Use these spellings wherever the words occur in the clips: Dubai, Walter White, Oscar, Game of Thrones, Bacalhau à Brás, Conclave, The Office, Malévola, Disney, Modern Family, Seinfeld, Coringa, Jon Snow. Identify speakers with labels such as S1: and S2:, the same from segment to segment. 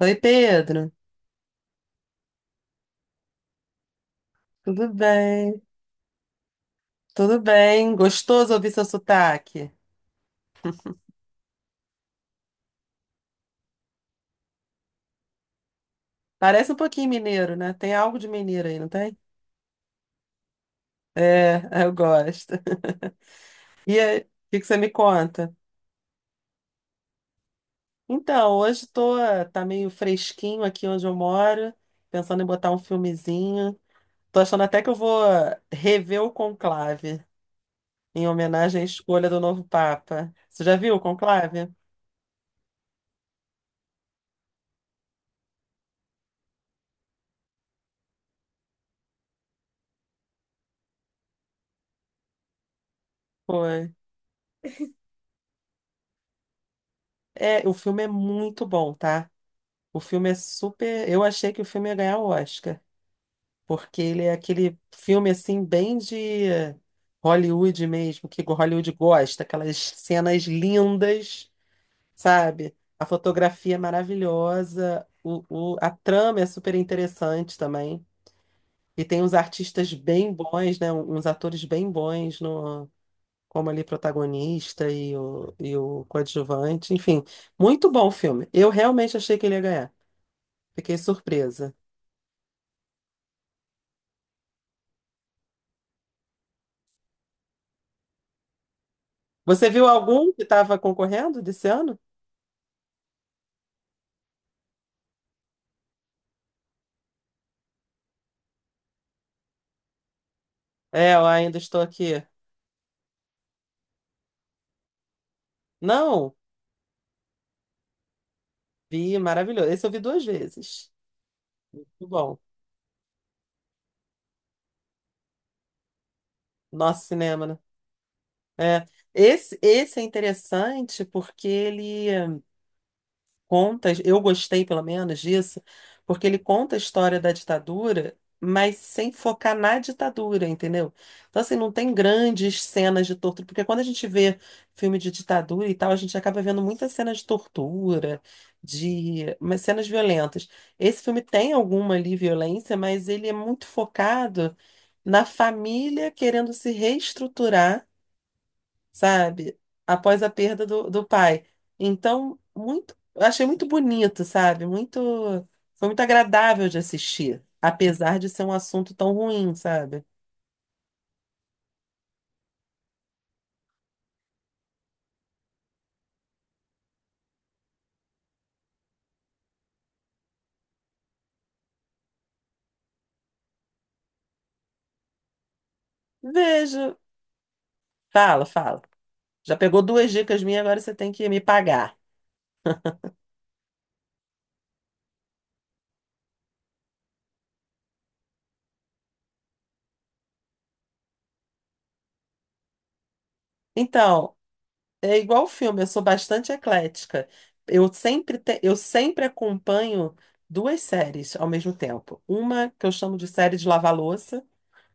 S1: Oi, Pedro. Tudo bem? Tudo bem. Gostoso ouvir seu sotaque. Parece um pouquinho mineiro, né? Tem algo de mineiro aí, não tem? É, eu gosto. E aí, o que que você me conta? Então, hoje tô, tá meio fresquinho aqui onde eu moro, pensando em botar um filmezinho. Tô achando até que eu vou rever o Conclave, em homenagem à escolha do novo Papa. Você já viu o Conclave? Foi. É, o filme é muito bom, tá? O filme é super. Eu achei que o filme ia ganhar o Oscar, porque ele é aquele filme assim, bem de Hollywood mesmo, que Hollywood gosta, aquelas cenas lindas, sabe? A fotografia é maravilhosa, a trama é super interessante também. E tem uns artistas bem bons, né? Uns atores bem bons no, como ali protagonista o coadjuvante. Enfim, muito bom o filme. Eu realmente achei que ele ia ganhar. Fiquei surpresa. Você viu algum que estava concorrendo desse ano? É, eu ainda estou aqui. Não, vi, maravilhoso. Esse eu vi duas vezes. Muito bom. Nosso cinema, né? É. Esse é interessante porque ele conta, eu gostei pelo menos disso, porque ele conta a história da ditadura, mas sem focar na ditadura, entendeu? Então, assim, não tem grandes cenas de tortura, porque quando a gente vê filme de ditadura e tal, a gente acaba vendo muitas cenas de tortura, de mas cenas violentas. Esse filme tem alguma ali violência, mas ele é muito focado na família querendo se reestruturar, sabe? Após a perda do pai. Então, eu achei muito bonito, sabe? Foi muito agradável de assistir, apesar de ser um assunto tão ruim, sabe? Vejo. Fala, fala. Já pegou duas dicas minhas, agora você tem que me pagar. Então, é igual o filme, eu sou bastante eclética. Eu sempre acompanho duas séries ao mesmo tempo. Uma que eu chamo de série de lavar-louça,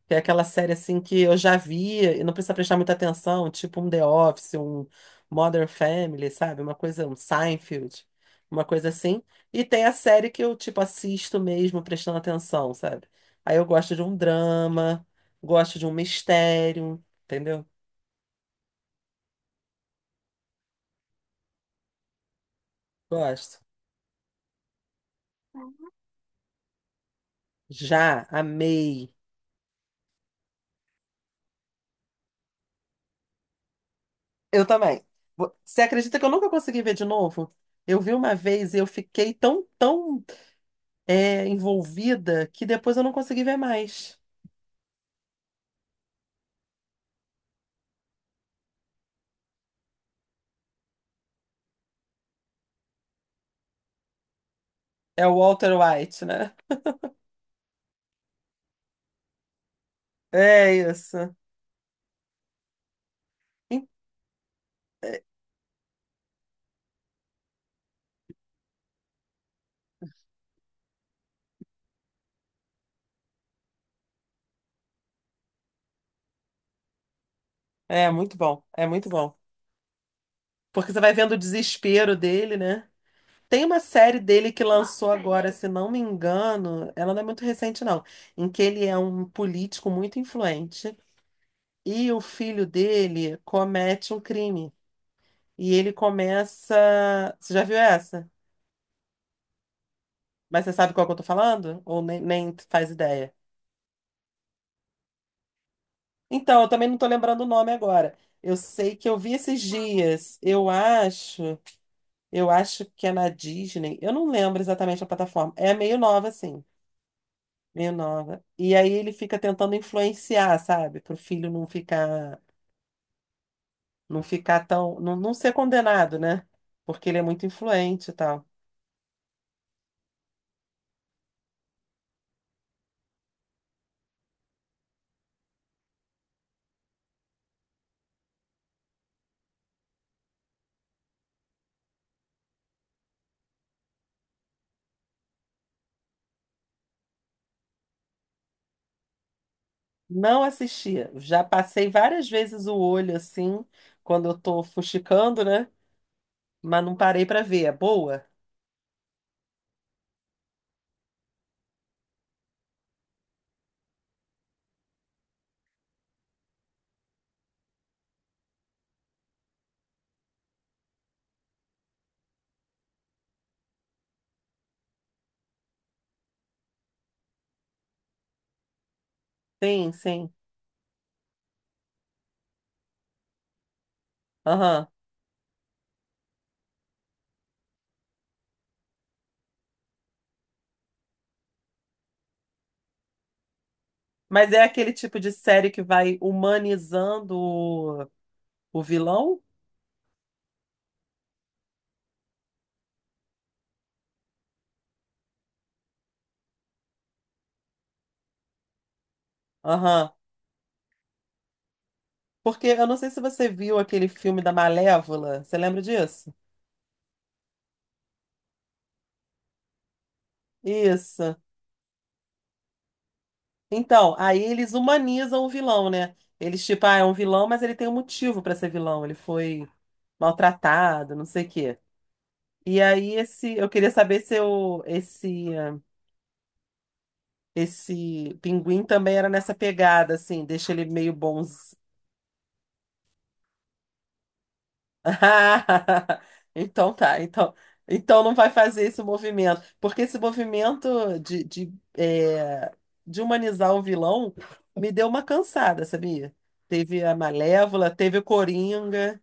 S1: que é aquela série assim que eu já via e não precisa prestar muita atenção, tipo um The Office, um Modern Family, sabe? Uma coisa, um Seinfeld, uma coisa assim. E tem a série que eu, tipo, assisto mesmo prestando atenção, sabe? Aí eu gosto de um drama, gosto de um mistério, entendeu? Gosto. Já amei. Eu também. Você acredita que eu nunca consegui ver de novo? Eu vi uma vez e eu fiquei tão, envolvida que depois eu não consegui ver mais. É o Walter White, né? É isso. En- É muito bom, é muito bom. Porque você vai vendo o desespero dele, né? Tem uma série dele que lançou agora, se não me engano, ela não é muito recente, não, em que ele é um político muito influente e o filho dele comete um crime. E ele começa. Você já viu essa? Mas você sabe qual que eu tô falando? Ou nem faz ideia? Então, eu também não tô lembrando o nome agora. Eu sei que eu vi esses dias. Eu acho. Eu acho que é na Disney. Eu não lembro exatamente a plataforma. É meio nova, assim. Meio nova. E aí ele fica tentando influenciar, sabe? Pro filho não ficar tão, não, não ser condenado, né? Porque ele é muito influente e tal. Não assistia. Já passei várias vezes o olho assim, quando eu tô fuxicando, né? Mas não parei pra ver. É boa? Sim, sim. Aham. Mas é aquele tipo de série que vai humanizando o vilão? Aham. Porque eu não sei se você viu aquele filme da Malévola. Você lembra disso? Isso. Então, aí eles humanizam o vilão, né? Eles, tipo, ah, é um vilão, mas ele tem um motivo pra ser vilão. Ele foi maltratado, não sei o quê. E aí, eu queria saber se esse pinguim também era nessa pegada, assim, deixa ele meio bons. Ah, Então tá, então, não vai fazer esse movimento, porque esse movimento de humanizar o vilão me deu uma cansada, sabia? Teve a Malévola, teve o Coringa,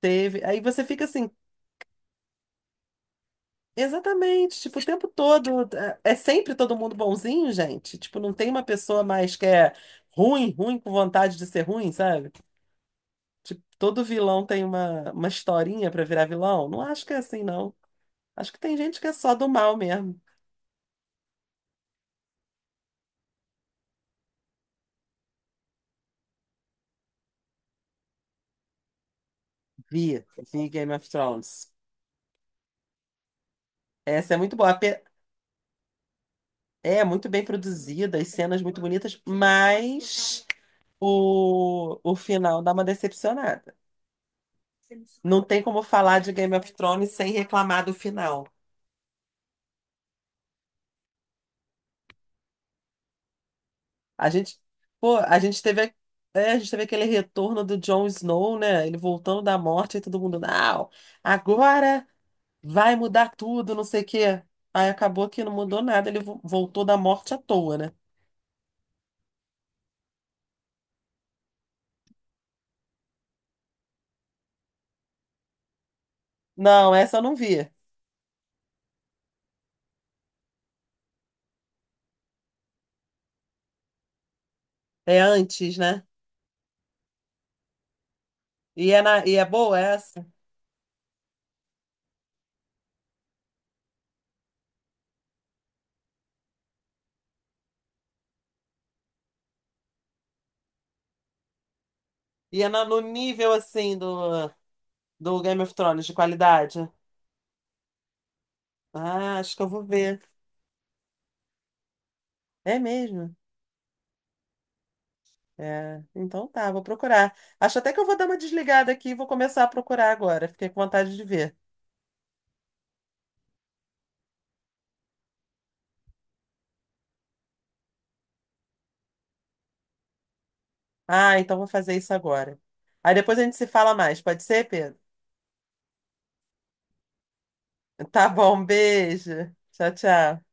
S1: teve. Aí você fica assim, exatamente, tipo, o tempo todo. É sempre todo mundo bonzinho, gente. Tipo, não tem uma pessoa mais que é ruim, ruim com vontade de ser ruim, sabe? Tipo, todo vilão tem uma historinha pra virar vilão. Não acho que é assim, não. Acho que tem gente que é só do mal mesmo. Vi, vi Game of Thrones. Essa é muito boa. É muito bem produzida, as cenas muito bonitas, mas o final dá uma decepcionada. Não tem como falar de Game of Thrones sem reclamar do final. A gente, pô, a gente teve, é, a gente teve aquele retorno do Jon Snow, né? Ele voltando da morte e todo mundo, não, agora vai mudar tudo, não sei o quê. Aí acabou que não mudou nada, ele voltou da morte à toa, né? Não, essa eu não vi. É antes, né? E é boa essa? E é no nível, assim, do Game of Thrones, de qualidade. Ah, acho que eu vou ver. É mesmo? É. Então tá, vou procurar. Acho até que eu vou dar uma desligada aqui e vou começar a procurar agora. Fiquei com vontade de ver. Ah, então vou fazer isso agora. Aí depois a gente se fala mais, pode ser, Pedro? Tá bom, um beijo. Tchau, tchau.